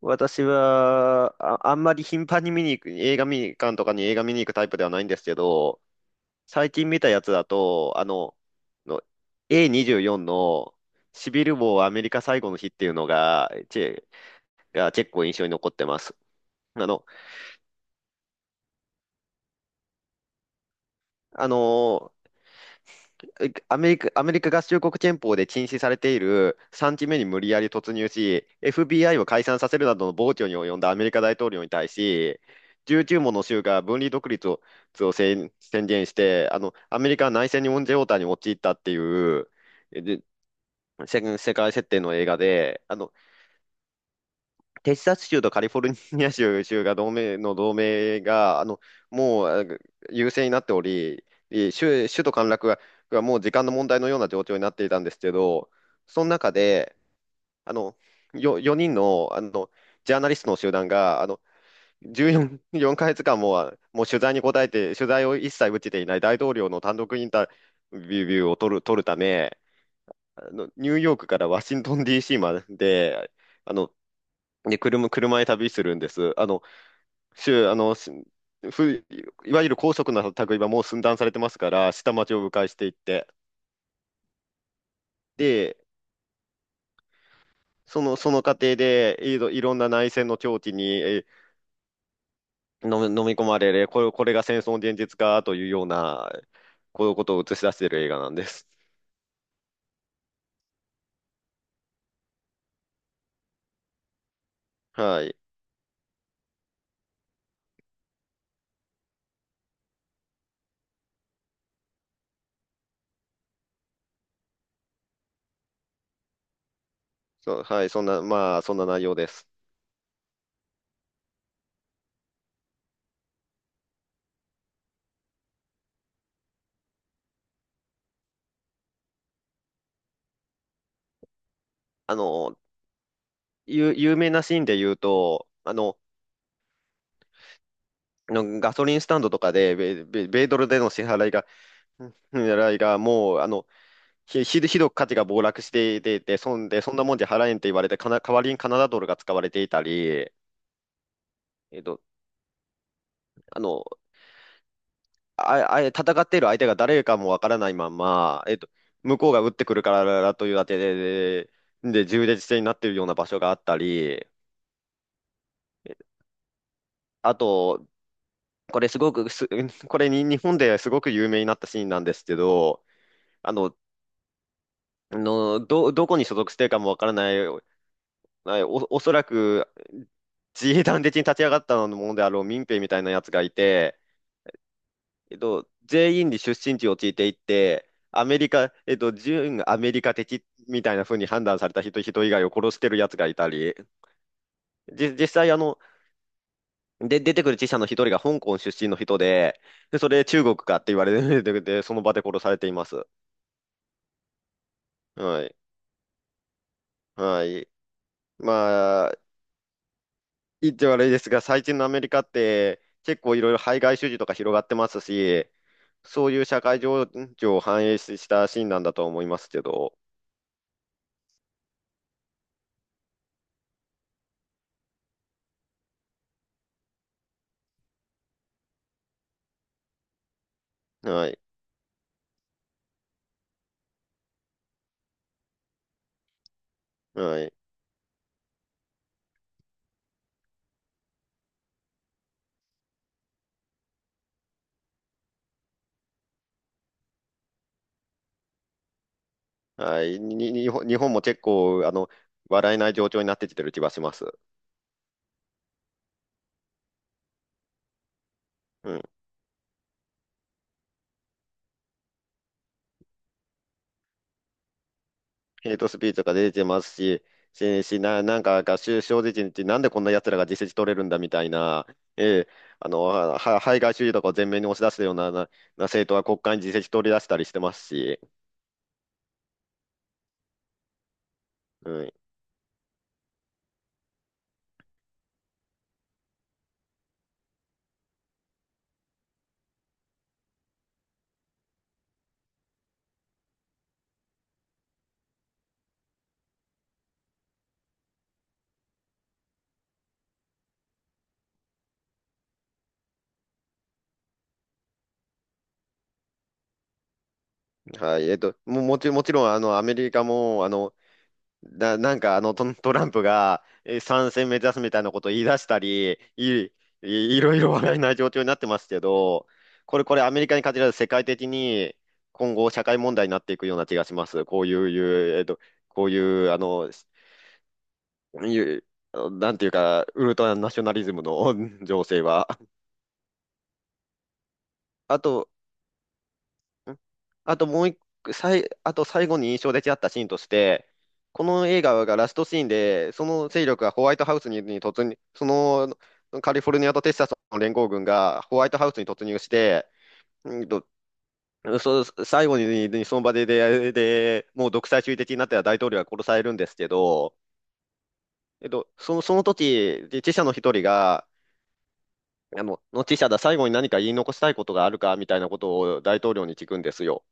私は、あんまり頻繁に見に行く、映画見に、館とかに映画見に行くタイプではないんですけど、最近見たやつだと、の A24 のシビルウォーアメリカ最後の日っていうのが結構印象に残ってます。あの、あの、アメリカ合衆国憲法で禁止されている3期目に無理やり突入し、FBI を解散させるなどの暴挙に及んだアメリカ大統領に対し、19もの州が分離独立を宣言して、アメリカは内戦にオンジェオーターに陥ったっていう、で、世界設定の映画で、テキサス州とカリフォルニア州が同盟が、もう優勢になっており、州都陥落がもう時間の問題のような状況になっていたんですけど、その中で、あの、4人の、ジャーナリストの集団が、14、4ヶ月間も、もう取材を一切打ちていない大統領の単独インタビューを取るため、ニューヨークからワシントン DC まで、あの、車で旅するんです。州、あの、しふ、いわゆる高速な類はもう寸断されてますから、下町を迂回していって、で、その過程で、いろんな内戦の境地に飲み込まれる、これが戦争の現実かというような、こういうことを映し出している映画なんです。はい。そう、はい、そんな、まあ、そんな内容です。あの、有名なシーンで言うと、ガソリンスタンドとかで、米ドルでの支払いがういや、いやもう、ひどく価値が暴落していて、で、そんなもんじゃ払えんって言われて、代わりにカナダドルが使われていたり、えっと、あの、戦っている相手が誰かもわからないまま、向こうが撃ってくるからというあてで、銃で戦になっているような場所があったり、あと、これすごくす、これに日本ですごく有名になったシーンなんですけど、あの、どこに所属しているかもわからない、おそらく自衛団的に立ち上がったものであろう民兵みたいなやつがいて、全員に出身地を聞いていって、アメリカ、準アメリカ的みたいな風に判断された人以外を殺してるやつがいたり、実際で、出てくる記者の一人が香港出身の人で、で、それ中国かって言われて、で、その場で殺されています。はい。はい。まあ、言って悪いですが、最近のアメリカって結構いろいろ排外主義とか広がってますし、そういう社会情緒を反映したシーンなんだと思いますけど、はい、はい、はい、日本も結構、笑えない状況になってきてる気がします。うん。ヘイトスピーチとか出てますし、なんか、正直に、なんでこんな奴らが自席取れるんだみたいな、ええ、は排外主義とかを前面に押し出すような、政党は国会に自席取り出したりしてますし、うん。はい。もちろん、アメリカも、なんかトランプが参戦目指すみたいなことを言い出したり、いろいろ話題な状況になってますけど、これアメリカに限らず世界的に今後社会問題になっていくような気がします。こういう、いうこういう、いう、なんていうか、ウルトラナショナリズムの 情勢は。あと、うんあともう一個、さい、あと最後に印象的だったシーンとして、この映画がラストシーンで、その勢力がホワイトハウスに突入、そのカリフォルニアとテキサスの連合軍がホワイトハウスに突入して、うんと、最後に、その場で、もう独裁主義的になった大統領が殺されるんですけど、その時、で記者の一人が、の記者だ、最後に何か言い残したいことがあるかみたいなことを大統領に聞くんですよ。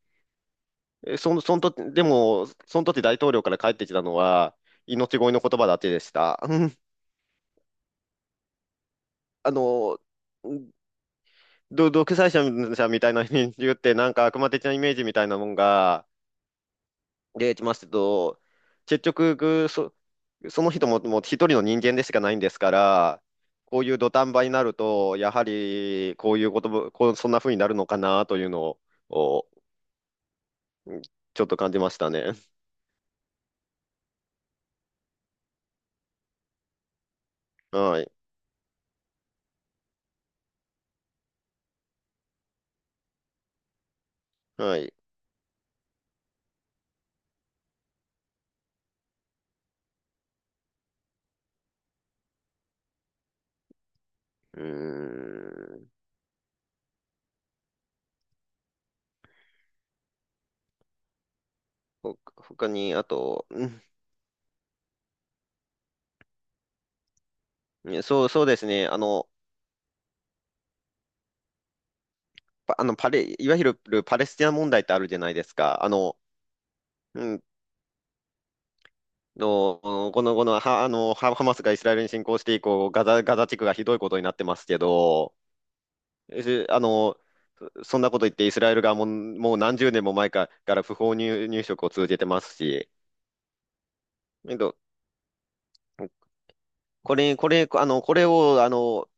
えその、その時、でも、その時大統領から帰ってきたのは、命乞いの言葉だけでした。うんあの、う独裁者みたいな人間って、なんか悪魔的なイメージみたいなもんが出てきますけど、結局、その人も、もう一人の人間でしかないんですから、こういう土壇場になると、やはりこういうことも、こう、そんな風になるのかなというのを、おちょっと感じましたね。はい。はい。うーん。他に、あと、うん、そう、そうですね。パあの、パレ、いわゆるパレスチナ問題ってあるじゃないですか。うん、の、この、この、ハマスがイスラエルに侵攻して以降、ガザ地区がひどいことになってますけど、えあの、そんなこと言ってイスラエル側も、もう何十年もから不法入植を続けてますし、えっと、これ、これ、これを、あの、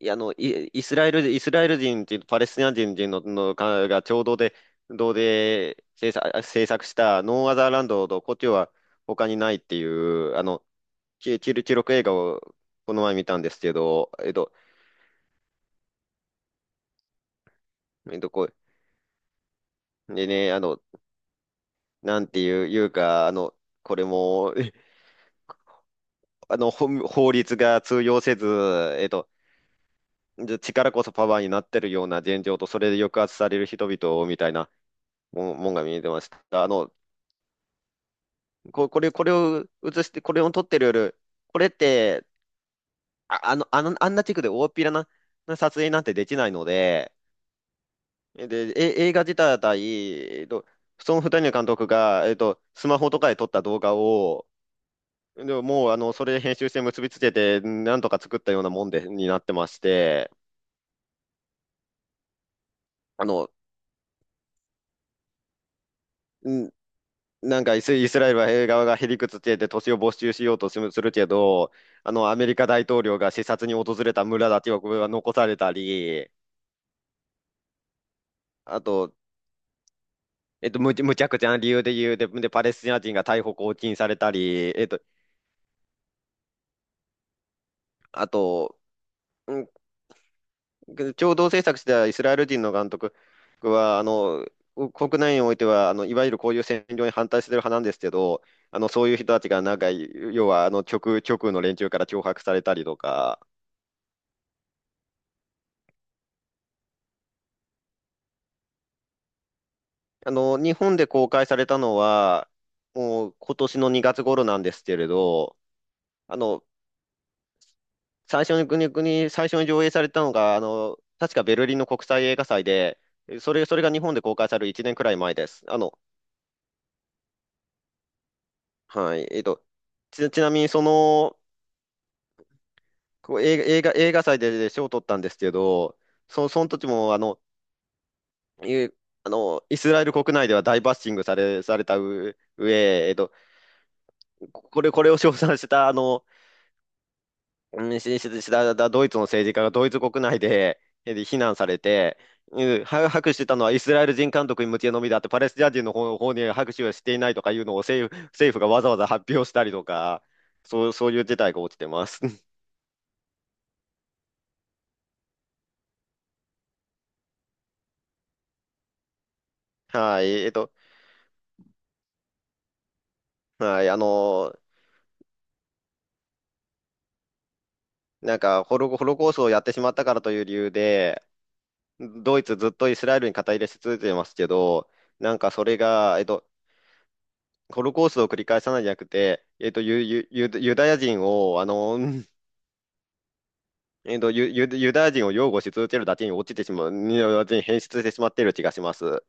イスラエル人っていうパレスチナ人のかが共同で、制作したノーアザーランドと故郷は他にないっていう、記録映画をこの前見たんですけど、えっと、こでね、なんていう、いうか、これも、えあの、法律が通用せず、えっと、力こそパワーになってるような現状と、それで抑圧される人々みたいなもんが見えてました。これを映して、これを撮ってるより、これって、あんな地区で大っぴらな、撮影なんてできないので、で、映画自体、えっと、その二人の監督が、スマホとかで撮った動画を、でも、もう、それで編集して結びつけて、なんとか作ったようなもんで、になってまして、あの、んなんかイスラエルは側がへりくつけて土地を没収しようとするするけど、アメリカ大統領が視察に訪れた村だけはこれは残されたり、あと、むちゃくちゃな理由で言うで、で、パレスチナ人が逮捕・拘禁されたり、あと、うん、共同制作したイスラエル人の監督は、国内においては、いわゆるこういう占領に反対してる派なんですけど、そういう人たちが、なんか、要は、極右の連中から脅迫されたりとか、日本で公開されたのは、もう今年の2月頃なんですけれど、あの、最初に上映されたのが、確かベルリンの国際映画祭で、それが日本で公開される1年くらい前です。はい、ちなみにその、映画祭で賞を取ったんですけど、その時も、あの、いうあの、イスラエル国内では大バッシングされ、されたう上、これを称賛した、あの、うんしししだだドイツの政治家がドイツ国内で、で非難されて、うんは拍手してたのはイスラエル人監督に向けのみだって、パレスチナ人の方に拍手はしていないとかいうのを政府がわざわざ発表したりとか、そうそういう事態が起きてます。はい、はい、なんかホロコーストをやってしまったからという理由で、ドイツずっとイスラエルに肩入れし続けてますけど、なんかそれが、ホロコーストを繰り返さないんじゃなくて、ユダヤ人を、ユダヤ人を擁護し続けるだけに落ちてしまう、ユダヤ人に変質してしまっている気がします。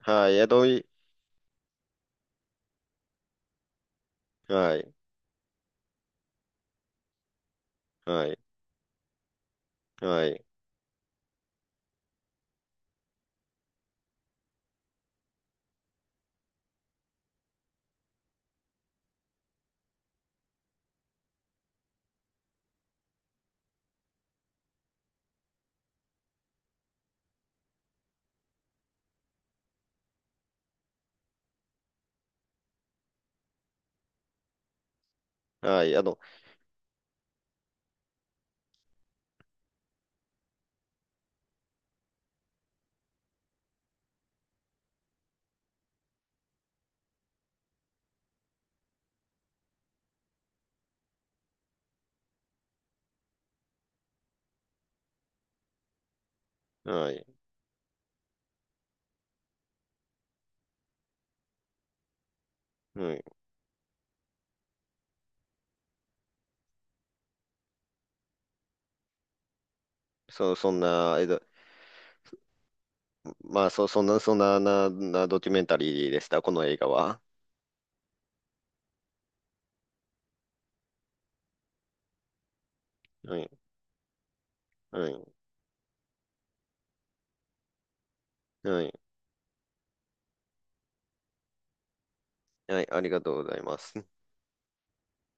はい、はい、はい、はい、はい、はい、うん、そんな、まあ、そんなドキュメンタリーでした、この映画は。はい、はい、はい、はい、ありがとうございます。